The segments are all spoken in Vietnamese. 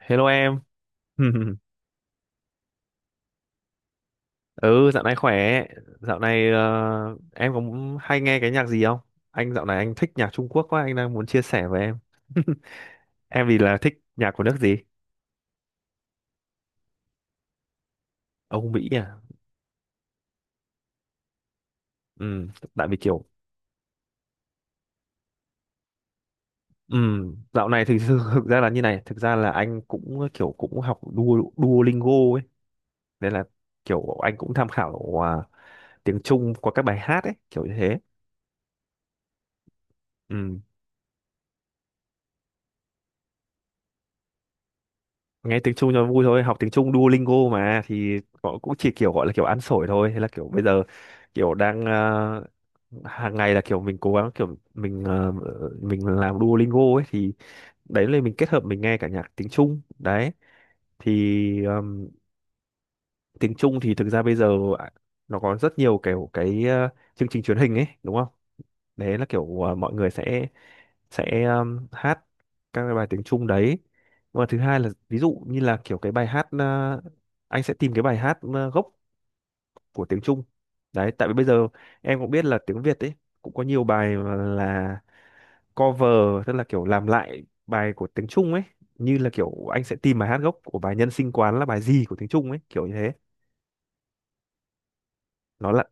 Hello em. Ừ, dạo này khỏe. Dạo này em có hay nghe cái nhạc gì không? Anh dạo này anh thích nhạc Trung Quốc quá, anh đang muốn chia sẻ với em. Em thì là thích nhạc của nước gì? Âu Mỹ à? Ừ, tại vì kiểu ừ, dạo này thực sự thực ra là như này, thực ra là anh cũng kiểu cũng học Duolingo ấy, nên là kiểu anh cũng tham khảo tiếng Trung qua các bài hát ấy, kiểu như thế. Ừ. Nghe tiếng Trung cho vui thôi, học tiếng Trung Duolingo mà thì họ cũng chỉ kiểu gọi là kiểu ăn sổi thôi, thế là kiểu bây giờ kiểu đang hàng ngày là kiểu mình cố gắng, kiểu mình mình làm Duolingo ấy thì đấy là mình kết hợp mình nghe cả nhạc tiếng Trung đấy thì tiếng Trung thì thực ra bây giờ à, nó có rất nhiều kiểu cái chương trình truyền hình ấy đúng không, đấy là kiểu mọi người sẽ hát các cái bài tiếng Trung đấy, và thứ hai là ví dụ như là kiểu cái bài hát anh sẽ tìm cái bài hát gốc của tiếng Trung. Đấy, tại vì bây giờ em cũng biết là tiếng Việt ấy cũng có nhiều bài mà là cover, tức là kiểu làm lại bài của tiếng Trung ấy, như là kiểu anh sẽ tìm bài hát gốc của bài Nhân sinh quán là bài gì của tiếng Trung ấy, kiểu như thế. Nó là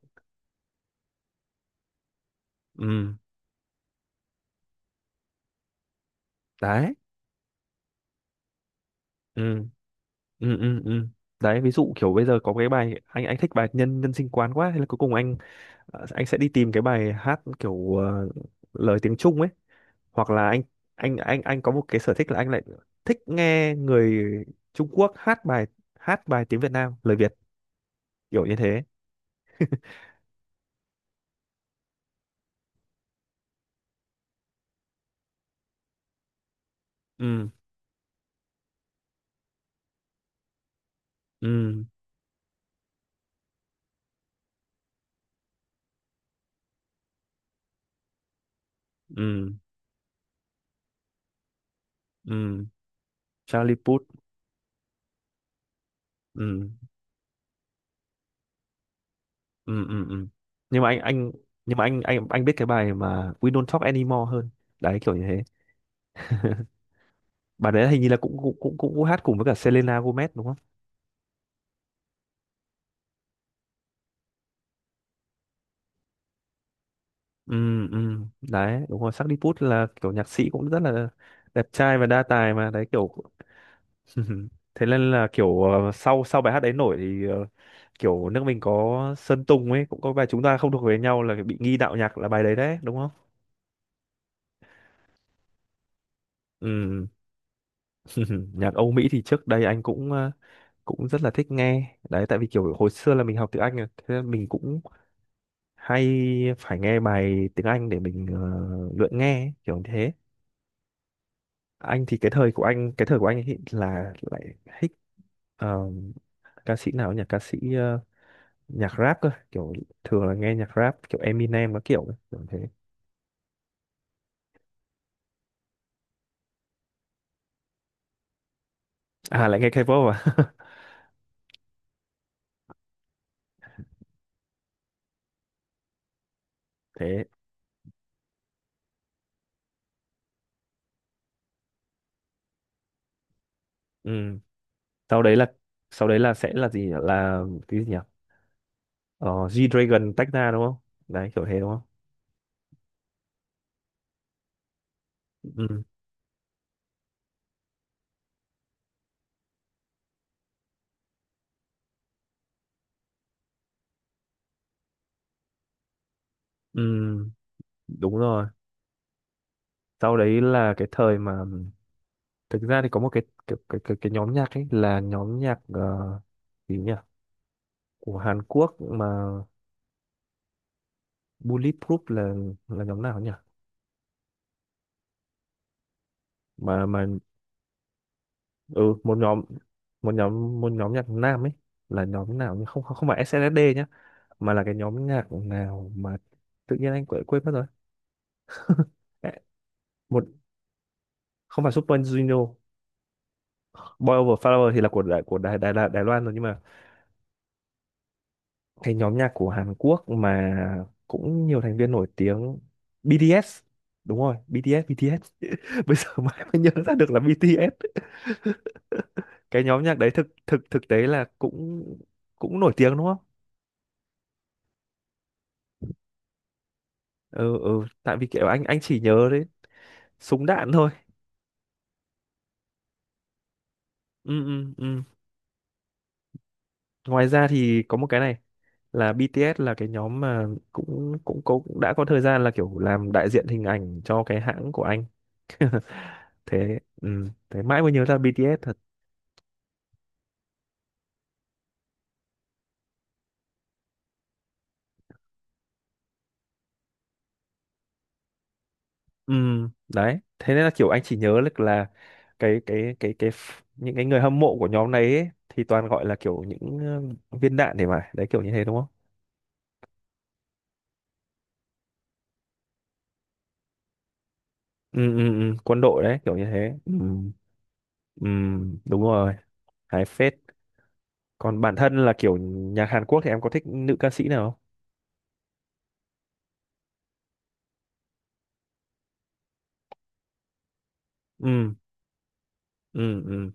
ừ, đấy, ừ ừ ừ ừ, đấy, ví dụ kiểu bây giờ có cái bài, anh thích bài nhân nhân sinh quán quá, thế là cuối cùng anh anh sẽ đi tìm cái bài hát kiểu lời tiếng Trung ấy, hoặc là anh anh có một cái sở thích là anh lại thích nghe người Trung Quốc hát bài tiếng Việt Nam lời Việt, kiểu như thế. Ừ ừ ừ ừ, Charlie Puth, ừ ừ ừ ừ, nhưng mà anh, nhưng mà anh biết cái bài mà We Don't Talk Anymore hơn. Đấy, kiểu như thế. Bà đấy hình như là cũng cũng cũng cũng, cũng hát cùng với cả Selena Gomez đúng không? Ừ ừ, đấy đúng rồi, Sardi Puth là kiểu nhạc sĩ cũng rất là đẹp trai và đa tài mà, đấy kiểu thế nên là kiểu sau sau bài hát đấy nổi thì kiểu nước mình có Sơn Tùng ấy cũng có bài Chúng ta không thuộc về nhau là bị nghi đạo nhạc, là bài đấy đấy đúng không. Ừ nhạc Âu Mỹ thì trước đây anh cũng cũng rất là thích nghe đấy, tại vì kiểu hồi xưa là mình học tiếng Anh rồi, thế nên mình cũng hay phải nghe bài tiếng Anh để mình luyện nghe ấy, kiểu như thế. Anh thì cái thời của anh, cái thời của anh ấy là lại thích ờ, ca sĩ nào nhỉ, ca sĩ nhạc rap cơ, kiểu thường là nghe nhạc rap kiểu Eminem các kiểu ấy, kiểu thế. À lại nghe K-pop à? Thế ừ. Sau đấy là, sau đấy là sẽ là gì nhỉ? Là cái gì nhỉ, ờ, G-Dragon tách ra đúng không, đấy kiểu thế đúng không. Ừ. Ừ. Đúng rồi, sau đấy là cái thời mà thực ra thì có một cái nhóm nhạc ấy, là nhóm nhạc gì nhỉ, của Hàn Quốc mà Bulletproof là nhóm nào nhỉ, mà ừ, một nhóm, một nhóm, một nhóm nhạc nam ấy, là nhóm nào nhỉ? Không không không phải SNSD nhá, mà là cái nhóm nhạc nào mà tự nhiên anh quên quên mất rồi. Ê, một, không phải Super Junior, Boy Over Flower thì là của Đài Đài, Đài Loan rồi, nhưng mà cái nhóm nhạc của Hàn Quốc mà cũng nhiều thành viên nổi tiếng, BTS, đúng rồi, BTS BTS bây giờ mãi mới nhớ ra được là BTS. Cái nhóm nhạc đấy thực thực thực tế là cũng cũng nổi tiếng đúng không. Ừ ừ, tại vì kiểu anh chỉ nhớ đấy súng đạn thôi. Ừ ừ ừ, ngoài ra thì có một cái này là BTS là cái nhóm mà cũng cũng cũng đã có thời gian là kiểu làm đại diện hình ảnh cho cái hãng của anh. Thế ừ, thế mãi mới nhớ ra BTS thật. Ừ, đấy. Thế nên là kiểu anh chỉ nhớ được là cái những cái người hâm mộ của nhóm này ấy thì toàn gọi là kiểu những viên đạn để mà, đấy kiểu như thế đúng không? Ừ, ừ, ừ, quân đội đấy, kiểu như thế. Ừ, ừ, đúng rồi, hài phết. Còn bản thân là kiểu nhạc Hàn Quốc thì em có thích nữ ca sĩ nào không? Ừ, ừ, ừ,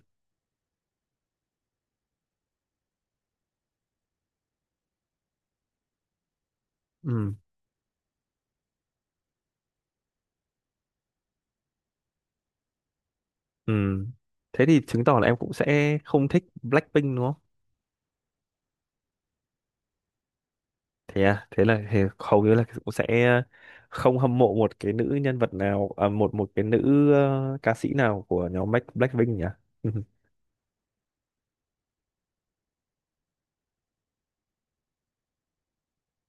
ừ, ừ. Thế thì chứng tỏ là em cũng sẽ không thích Blackpink đúng không? Thế à, thế là thế hầu như là cũng sẽ không hâm mộ một cái nữ nhân vật nào à, một, một cái nữ ca sĩ nào của nhóm Blackpink nhỉ.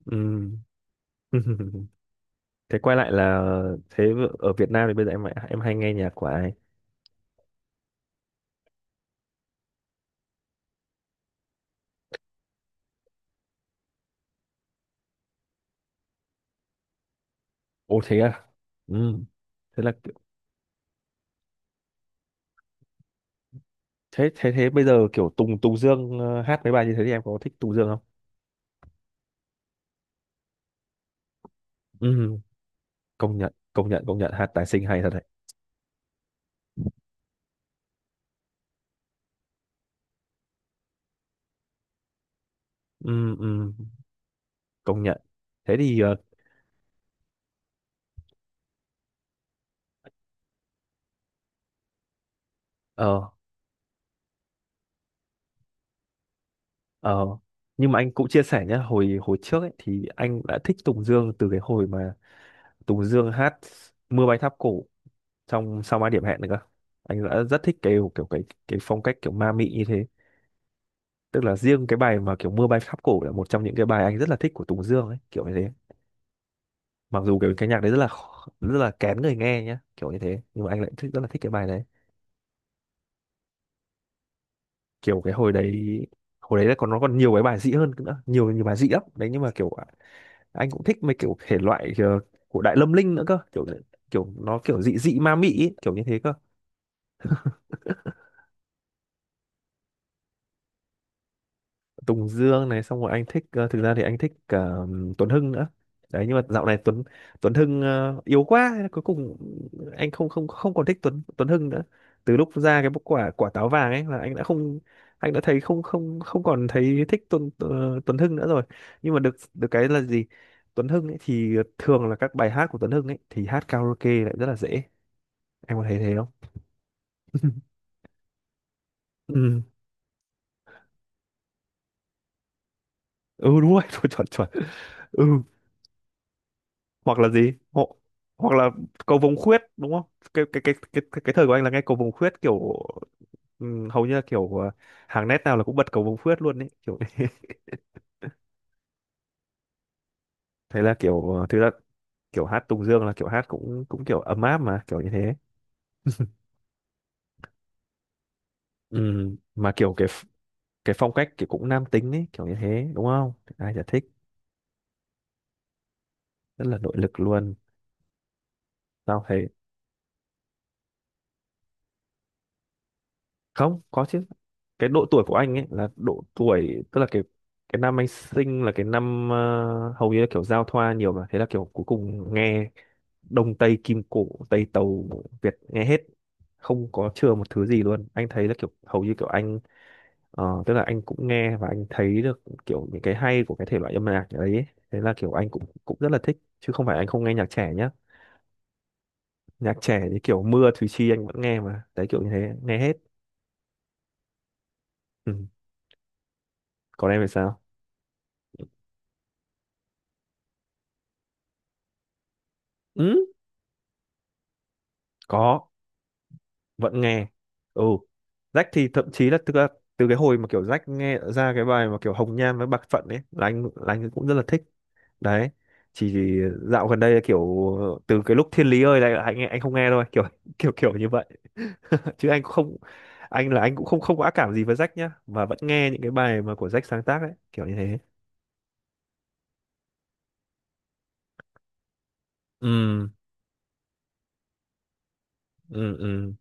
Ừm. Thế quay lại là thế ở Việt Nam thì bây giờ em hay nghe nhạc của ai. Ồ thế à. Ừm. Thế là kiểu- thế thế thế bây giờ kiểu Tùng Tùng Dương hát mấy bài như thế thì em có thích Tùng Dương không. Ừm. Công nhận, công nhận hát tài sinh hay thật đấy. Ừm, ừm, công nhận. Thế thì ờ, ờ, ờ, nhưng mà anh cũng chia sẻ nhé, hồi hồi trước ấy thì anh đã thích Tùng Dương từ cái hồi mà Tùng Dương hát Mưa bay tháp cổ trong Sao Mai Điểm Hẹn nữa cơ. Anh đã rất thích cái kiểu, kiểu cái phong cách kiểu ma mị như thế. Tức là riêng cái bài mà kiểu Mưa bay tháp cổ là một trong những cái bài anh rất là thích của Tùng Dương ấy, kiểu như thế. Mặc dù cái nhạc đấy rất là khó- rất là kén người nghe nhá, kiểu như thế, nhưng mà anh lại thích, rất là thích cái bài đấy. Kiểu cái hồi đấy, hồi đấy là còn nó còn nhiều cái bài dị hơn nữa, nhiều, nhiều bài dị lắm. Đấy, nhưng mà kiểu anh cũng thích mấy kiểu thể loại của Đại Lâm Linh nữa cơ, kiểu kiểu nó kiểu dị dị ma mị ý, kiểu như thế cơ. Tùng Dương này, xong rồi anh thích thực ra thì anh thích cả Tuấn Hưng nữa. Đấy, nhưng mà dạo này Tuấn, Tuấn Hưng yếu quá, cuối cùng anh không không không còn thích Tuấn Tuấn Hưng nữa. Từ lúc ra cái quả quả táo vàng ấy là anh đã không, anh đã thấy không không không còn thấy thích Tuấn Tuấn Hưng nữa rồi. Nhưng mà được được cái là gì, Tuấn Hưng ấy thì thường là các bài hát của Tuấn Hưng ấy thì hát karaoke lại rất là dễ, em có thấy thế không? Ừ ừ, đúng rồi chuẩn, chuẩn. Ừ, hoặc là gì Ho, hoặc là cầu vồng khuyết đúng không, cái thời của anh là nghe cầu vồng khuyết, kiểu ừ, hầu như là kiểu hàng nét nào là cũng bật cầu vồng khuyết luôn, đấy kiểu thế. Thế là kiểu thực ra kiểu hát Tùng Dương là kiểu hát cũng, cũng kiểu ấm áp mà, kiểu như thế. Ừ, mà kiểu cái cái phong cách kiểu cũng nam tính ấy, kiểu như thế đúng không, ai chả thích, rất là nội lực luôn. Tao thấy không có chứ. Cái độ tuổi của anh ấy là độ tuổi, tức là cái năm anh sinh là cái năm hầu như là kiểu giao thoa nhiều mà, thế là kiểu cuối cùng nghe Đông Tây Kim Cổ Tây Tàu Việt nghe hết, không có chừa một thứ gì luôn. Anh thấy là kiểu hầu như kiểu anh tức là anh cũng nghe và anh thấy được kiểu những cái hay của cái thể loại âm nhạc đấy ấy. Thế là kiểu anh cũng cũng rất là thích, chứ không phải anh không nghe nhạc trẻ nhá. Nhạc trẻ thì kiểu mưa Thùy Chi anh vẫn nghe mà, đấy kiểu như thế, nghe hết. Ừ. Còn em thì sao? Ừ, có, vẫn nghe, ừ. Jack thì thậm chí là từ, từ cái hồi mà kiểu Jack nghe ra cái bài mà kiểu Hồng Nhan với Bạc Phận ấy là anh, là anh cũng rất là thích. Đấy chỉ dạo gần đây là kiểu từ cái lúc Thiên Lý ơi là anh không nghe thôi, kiểu kiểu kiểu như vậy, chứ anh cũng không, anh là anh cũng không không có ác cảm gì với Jack nhá, mà vẫn nghe những cái bài mà của Jack sáng tác ấy, kiểu như thế. Ừ ừ ừ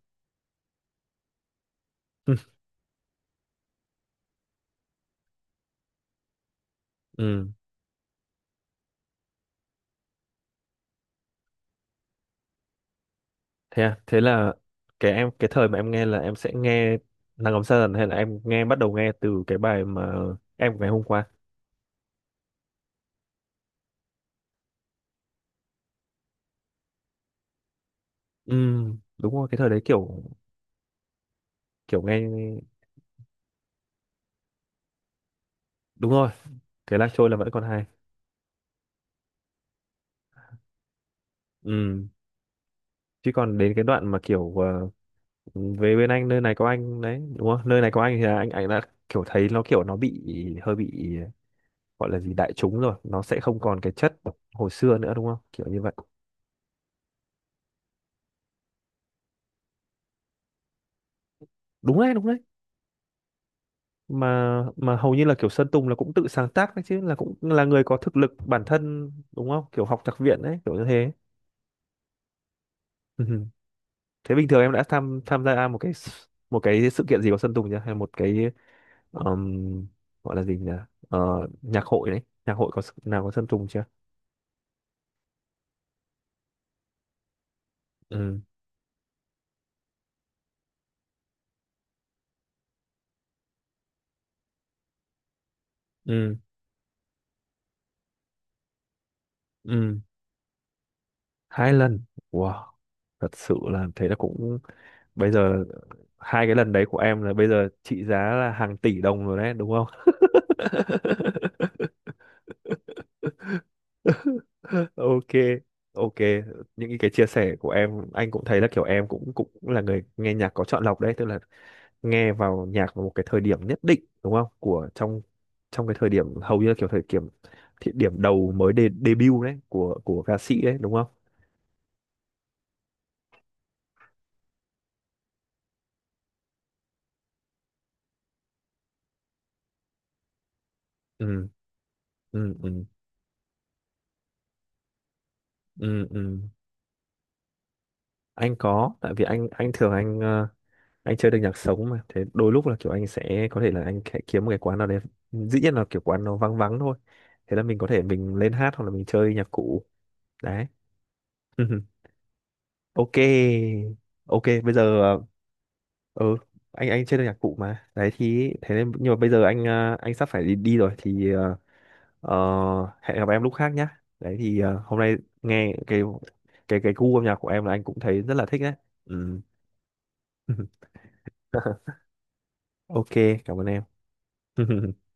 ừ. Thế à? Thế là cái em, cái thời mà em nghe là em sẽ nghe Nắng Ấm Sa Dần hay là em nghe bắt đầu nghe từ cái bài mà Em của ngày hôm qua. Ừ, đúng rồi, cái thời đấy kiểu kiểu nghe, đúng rồi. Cái Lạc Trôi là vẫn còn hay. Ừ, chứ còn đến cái đoạn mà kiểu về bên anh, nơi này có anh đấy, đúng không? Nơi này có anh thì là anh đã kiểu thấy nó kiểu nó bị hơi bị gọi là gì, đại chúng rồi, nó sẽ không còn cái chất hồi xưa nữa đúng không? Kiểu như vậy. Đúng đấy, đúng đấy. Mà hầu như là kiểu Sơn Tùng là cũng tự sáng tác đấy chứ, là cũng là người có thực lực bản thân đúng không, kiểu học nhạc viện đấy, kiểu như thế. Ừ. Thế bình thường em đã tham tham gia một cái một cái sự kiện gì của Sơn Tùng chưa, hay một cái um, gọi là gì nhỉ, ờ, nhạc hội đấy, nhạc hội có nào có Sơn Tùng chưa. Ừ ừ ừ, hai lần, wow, thật sự là, thế là cũng bây giờ hai cái lần đấy của em là bây giờ trị giá là hàng tỷ đồng rồi đấy đúng không. Ok, ok, những cái chia sẻ của em anh cũng thấy là kiểu em cũng, cũng là người nghe nhạc có chọn lọc đấy, tức là nghe vào nhạc vào một cái thời điểm nhất định đúng không, của trong, trong cái thời điểm hầu như là kiểu thời điểm, thì điểm đầu mới đề, debut đấy của ca sĩ đấy đúng không. Ừ ừ ừ ừ ừ. Anh có, tại vì anh thường anh anh chơi được nhạc sống mà, thế đôi lúc là kiểu anh sẽ có thể là anh sẽ kiếm một cái quán nào đấy, dĩ nhiên là kiểu quán nó vắng vắng thôi, thế là mình có thể mình lên hát hoặc là mình chơi nhạc cụ. Đấy ok, ok bây giờ ừ anh chơi được nhạc cụ mà đấy, thì thế nên nhưng mà bây giờ anh anh sắp phải đi, đi rồi thì ờ, hẹn gặp em lúc khác nhá, đấy thì hôm nay nghe cái cái gu âm nhạc của em là anh cũng thấy rất là thích đấy. Ừ. Ok, cảm ơn em.